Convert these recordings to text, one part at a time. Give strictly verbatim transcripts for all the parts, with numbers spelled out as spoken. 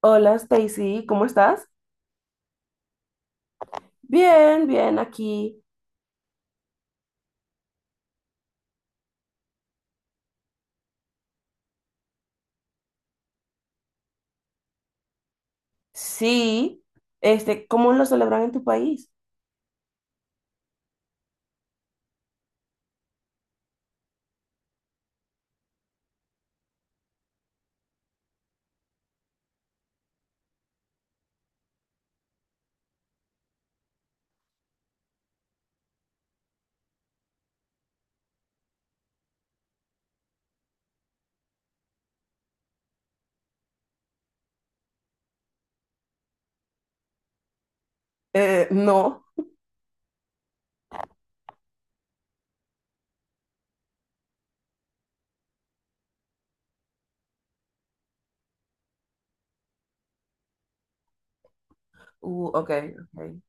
Hola Stacy, ¿cómo estás? Bien, bien, aquí. Sí. Este, ¿cómo lo celebran en tu país? Eh, no. Uh, ok, ok.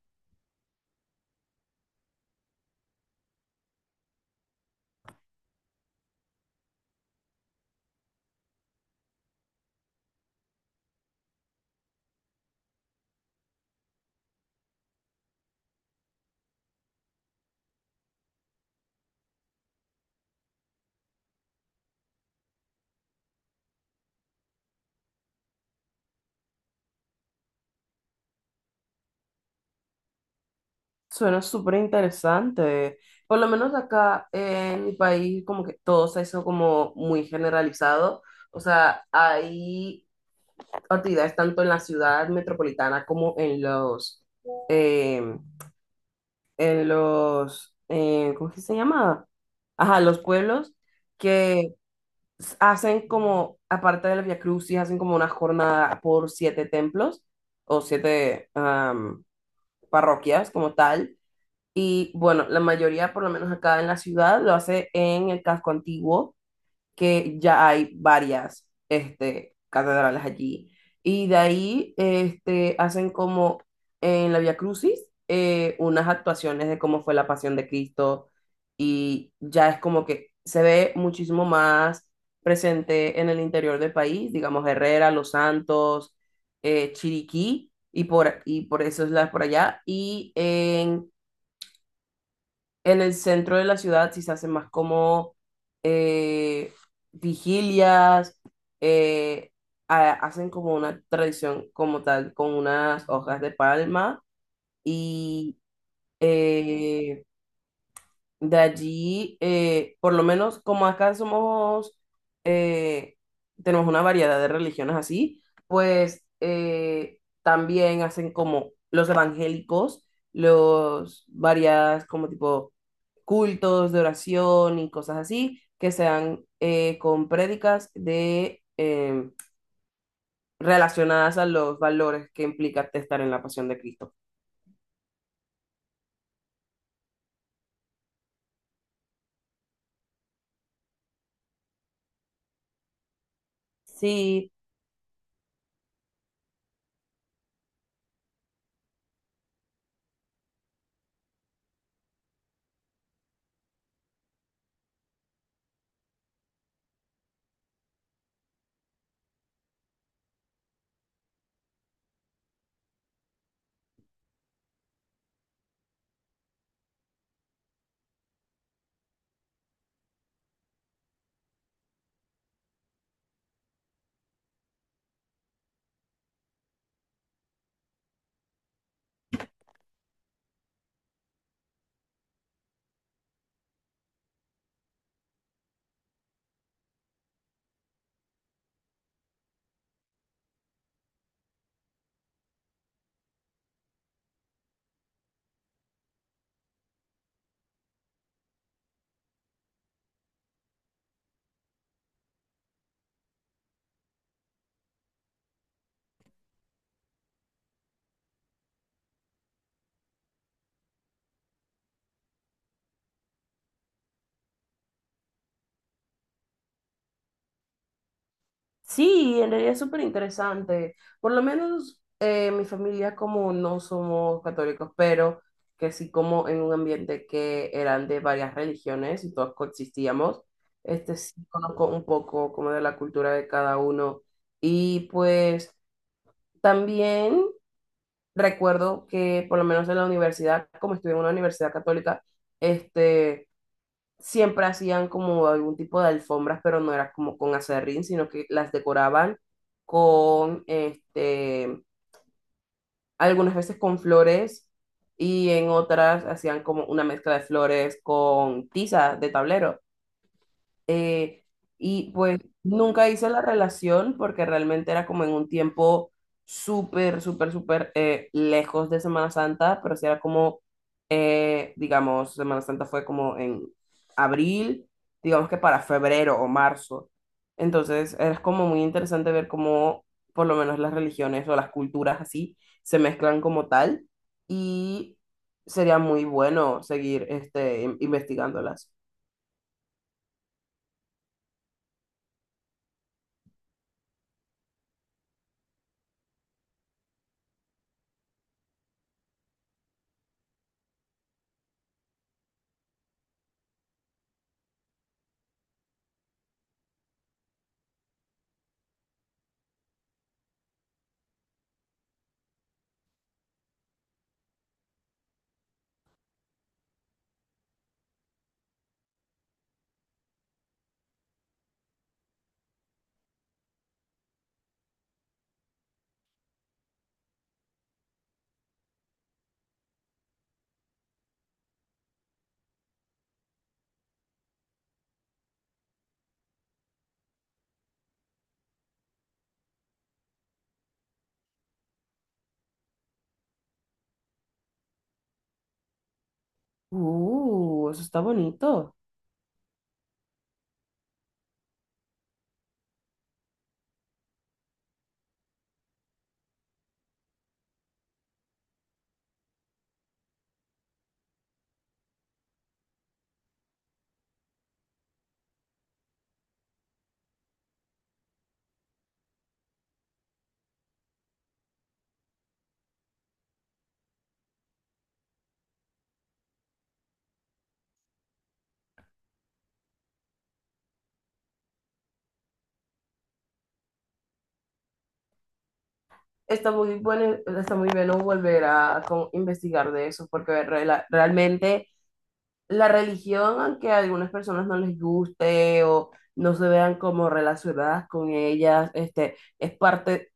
Suena súper interesante. Por lo menos acá eh, en mi país, como que todo se hizo como muy generalizado. O sea, hay actividades tanto en la ciudad metropolitana como en los, eh, en los, eh, ¿cómo es que se llama? Ajá, los pueblos que s- hacen como, aparte del Via Crucis, hacen como una jornada por siete templos o siete am, parroquias como tal. Y bueno, la mayoría, por lo menos acá en la ciudad, lo hace en el casco antiguo que ya hay varias este, catedrales allí. Y de ahí este, hacen como en la Vía Crucis eh, unas actuaciones de cómo fue la pasión de Cristo y ya es como que se ve muchísimo más presente en el interior del país, digamos Herrera, Los Santos, eh, Chiriquí y por, y por eso es la por allá. Y en en el centro de la ciudad sí se hacen más como eh, vigilias, eh, ha- hacen como una tradición como tal, con unas hojas de palma y eh, de allí, eh, por lo menos como acá somos, eh, tenemos una variedad de religiones así, pues eh, también hacen como los evangélicos, los varias como tipo cultos de oración y cosas así que sean eh, con prédicas de, eh, relacionadas a los valores que implica estar en la pasión de Cristo. Sí, sí, en realidad es súper interesante. Por lo menos eh, mi familia como no somos católicos, pero que sí como en un ambiente que eran de varias religiones y todos coexistíamos. Este sí conozco un poco como de la cultura de cada uno. Y pues también recuerdo que por lo menos en la universidad, como estuve en una universidad católica, este, siempre hacían como algún tipo de alfombras, pero no era como con acerrín, sino que las decoraban con, este, algunas veces con flores y en otras hacían como una mezcla de flores con tiza de tablero. Eh, y pues nunca hice la relación porque realmente era como en un tiempo súper, súper, súper eh, lejos de Semana Santa, pero sí era como, eh, digamos, Semana Santa fue como en abril, digamos que para febrero o marzo. Entonces es como muy interesante ver cómo por lo menos las religiones o las culturas así se mezclan como tal y sería muy bueno seguir este, in- investigándolas. Uh, eso está bonito. Está muy bueno, está muy bueno volver a como investigar de eso, porque rela- realmente la religión, aunque a algunas personas no les guste o no se vean como relacionadas con ellas, este, es parte,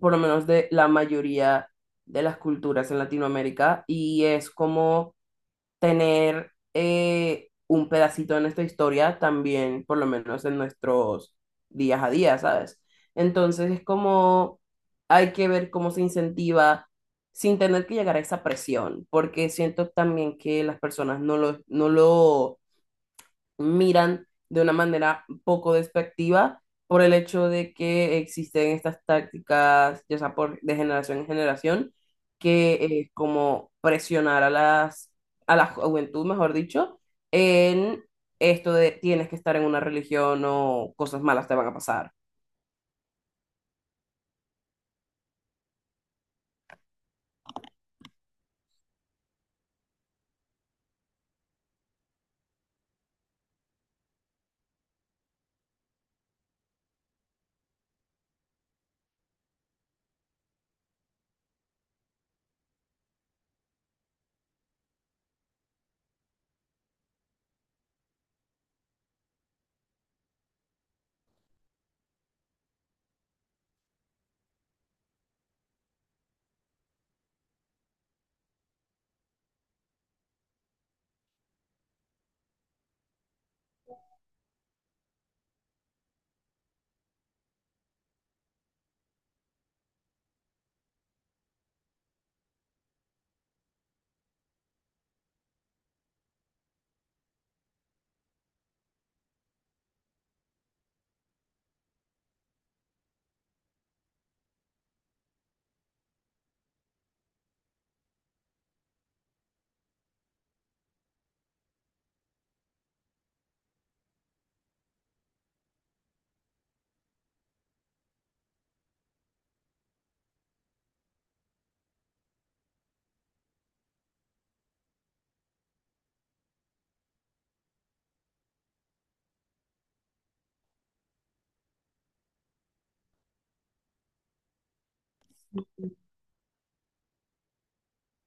por lo menos, de la mayoría de las culturas en Latinoamérica y es como tener eh, un pedacito de nuestra historia también, por lo menos en nuestros días a día, ¿sabes? Entonces es como hay que ver cómo se incentiva sin tener que llegar a esa presión, porque siento también que las personas no lo, no lo miran de una manera poco despectiva por el hecho de que existen estas tácticas, ya sea por, de generación en generación, que es como presionar a las, a la juventud, mejor dicho, en esto de tienes que estar en una religión o cosas malas te van a pasar.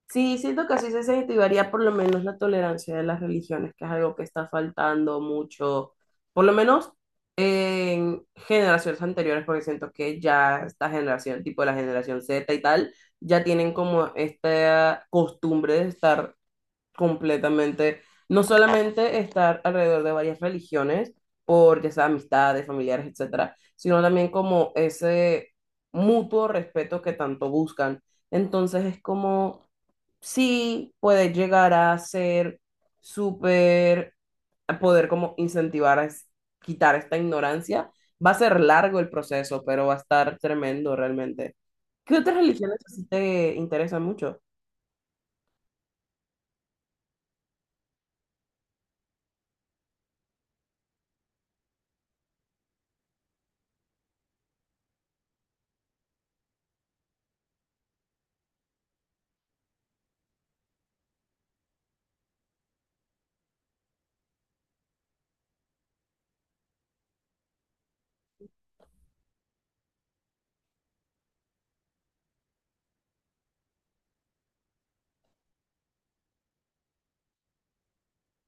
Sí, siento que así se incentivaría por lo menos la tolerancia de las religiones, que es algo que está faltando mucho, por lo menos en generaciones anteriores, porque siento que ya esta generación, tipo la generación zeta y tal, ya tienen como esta costumbre de estar completamente, no solamente estar alrededor de varias religiones, por ya sea amistades, familiares, etcétera, sino también como ese mutuo respeto que tanto buscan. Entonces es como sí puede llegar a ser súper, a poder como incentivar a es- quitar esta ignorancia. Va a ser largo el proceso, pero va a estar tremendo realmente. ¿Qué otras religiones así te interesan mucho?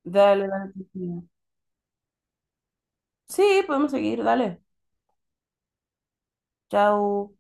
Dale, dale. Cristina. Sí, podemos seguir, dale. Chao.